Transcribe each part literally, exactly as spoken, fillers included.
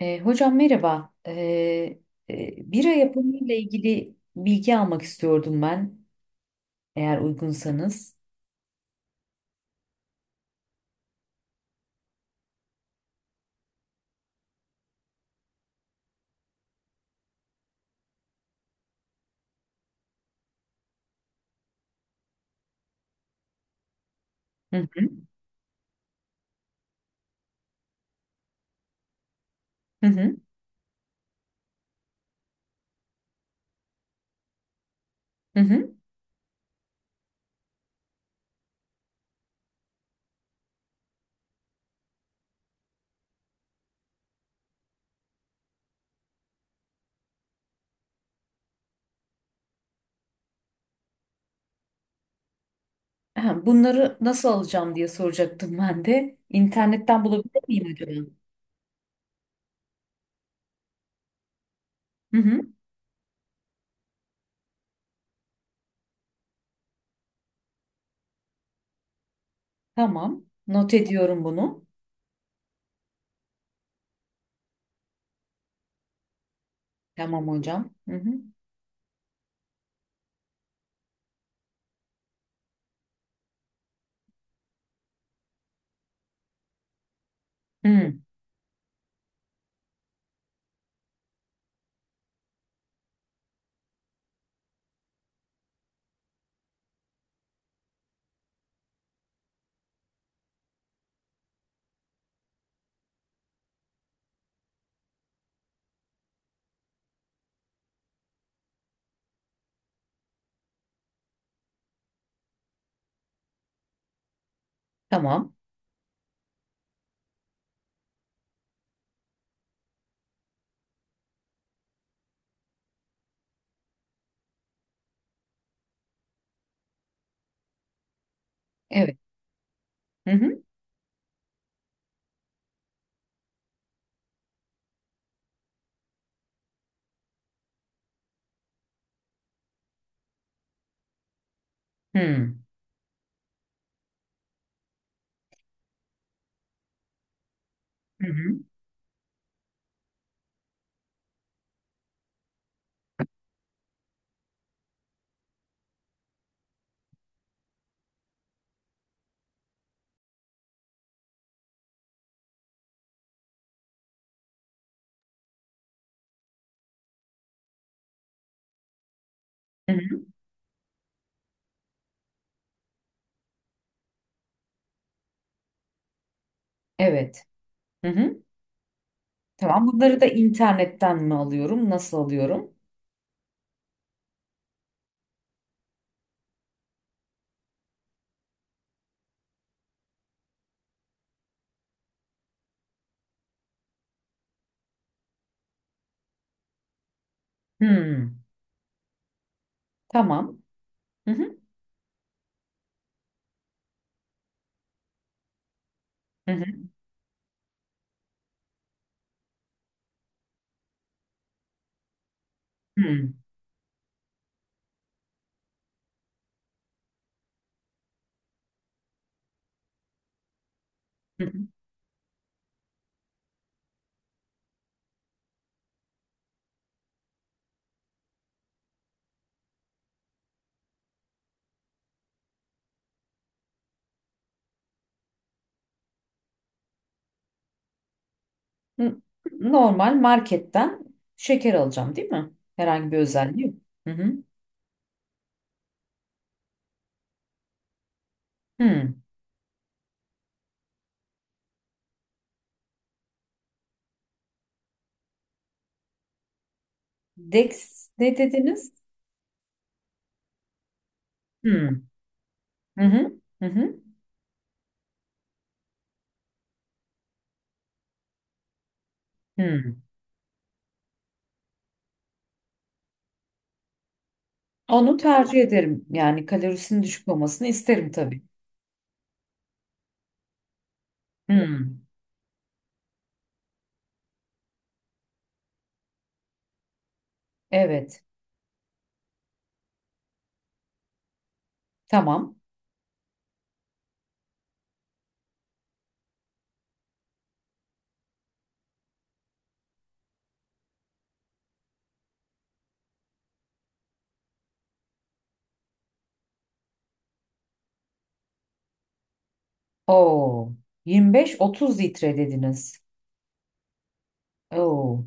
E, hocam merhaba. E, e, bira yapımı ile ilgili bilgi almak istiyordum ben, eğer uygunsanız. Hı hı, hı hı, hı hı. Ha, bunları nasıl alacağım diye soracaktım ben de. İnternetten bulabilir miyim acaba? Hı hı. Tamam, not ediyorum bunu. Tamam hocam. Hı hı, hı, tamam. Evet. Hı hı, hı, hı hı, hı hı. Evet. Hı hı. Tamam. Bunları da internetten mi alıyorum? Nasıl alıyorum? Hı, tamam. Hı hı. Hı hı. Hmm. Hı hı. N- Normal marketten şeker alacağım değil mi? Herhangi bir özelliği yok. Hı hı. Hı. Dex ne dediniz? Hmm. Hı hı. Hı hı. Hmm. Onu tercih ederim. Yani kalorisinin düşük olmasını isterim tabii. Hmm. Evet. Tamam. Oo. yirmi beş otuz litre dediniz. Oo.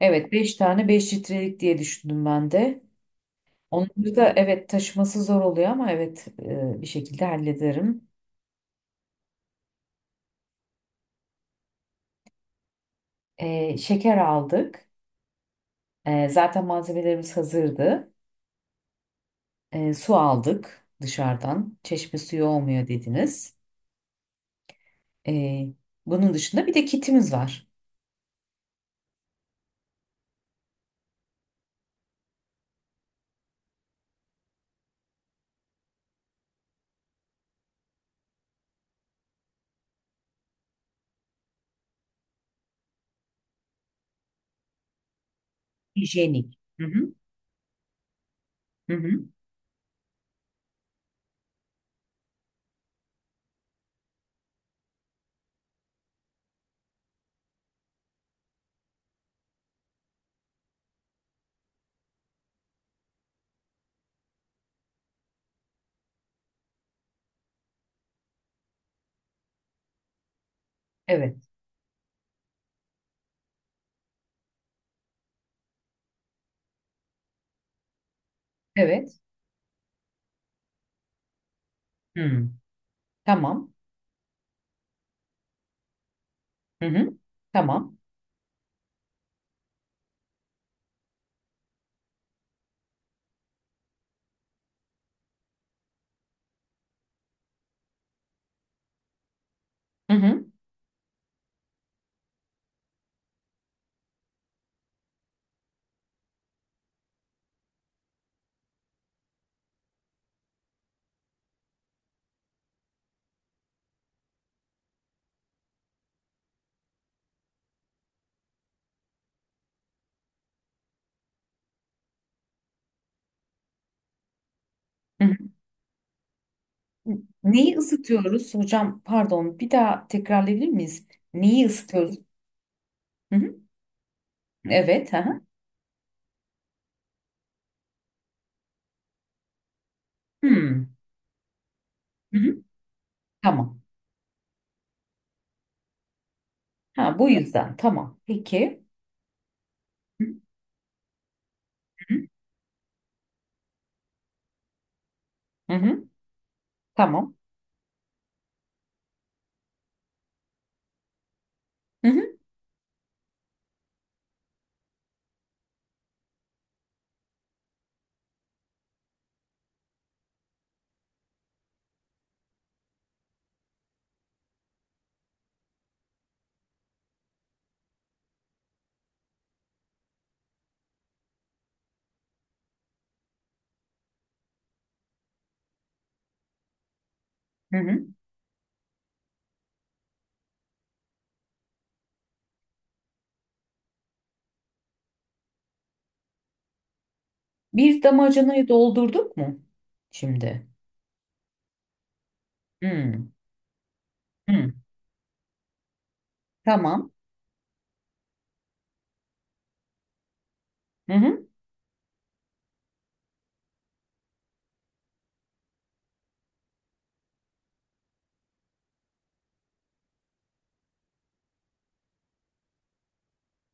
Evet, beş tane beş litrelik diye düşündüm ben de. Onları da evet taşıması zor oluyor ama evet e, bir şekilde hallederim. E, şeker aldık. E, zaten malzemelerimiz hazırdı. E, su aldık dışarıdan. Çeşme suyu olmuyor dediniz. E, Bunun dışında bir de kitimiz var. Hijyenik. Hı hı. Hı hı. Evet. Evet. Hı. Tamam. Hı hı. Tamam. Hı hı. Hı hı. Neyi ısıtıyoruz? Hocam pardon bir daha tekrarlayabilir miyiz? Neyi ısıtıyoruz? Hı hı. Evet. Hı hı. Hı. Hı hı. Tamam. Ha, bu yüzden. Tamam. Peki. Hı hı. Hı hı. Tamam. Hı hı, hı hı. Bir damacanayı doldurduk mu şimdi? Hı, hı. Tamam. Hı hı.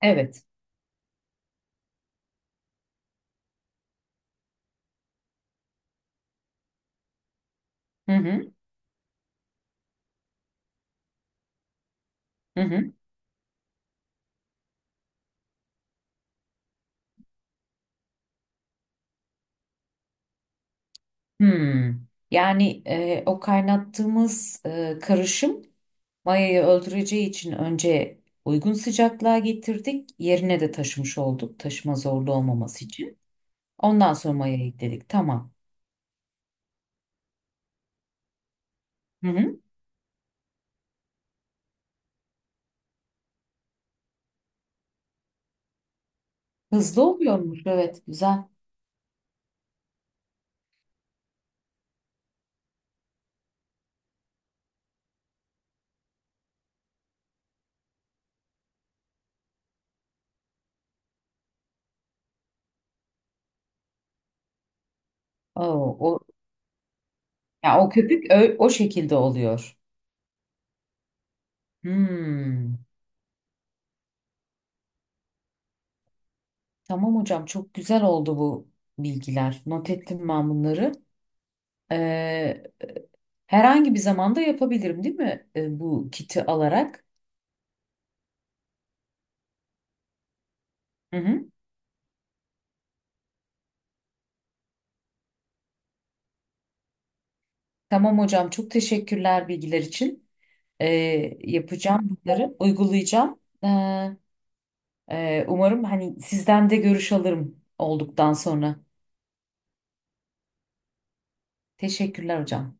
Evet. Hı hı, hı hı. Hı. Yani e, o kaynattığımız e, karışım mayayı öldüreceği için önce uygun sıcaklığa getirdik. Yerine de taşımış olduk. Taşıma zorlu olmaması için. Ondan sonra mayayı ekledik. Tamam. Hı hı. Hızlı oluyormuş. Evet, güzel. Oo, o, ya o köpük ö- o şekilde oluyor. Hmm. Tamam hocam, çok güzel oldu bu bilgiler. Not ettim ben bunları. Ee, Herhangi bir zamanda yapabilirim değil mi, Ee, bu kiti alarak? Hı hı. Tamam hocam, çok teşekkürler bilgiler için. Ee, yapacağım bunları, uygulayacağım. Ee, e, umarım hani sizden de görüş alırım olduktan sonra. Teşekkürler hocam.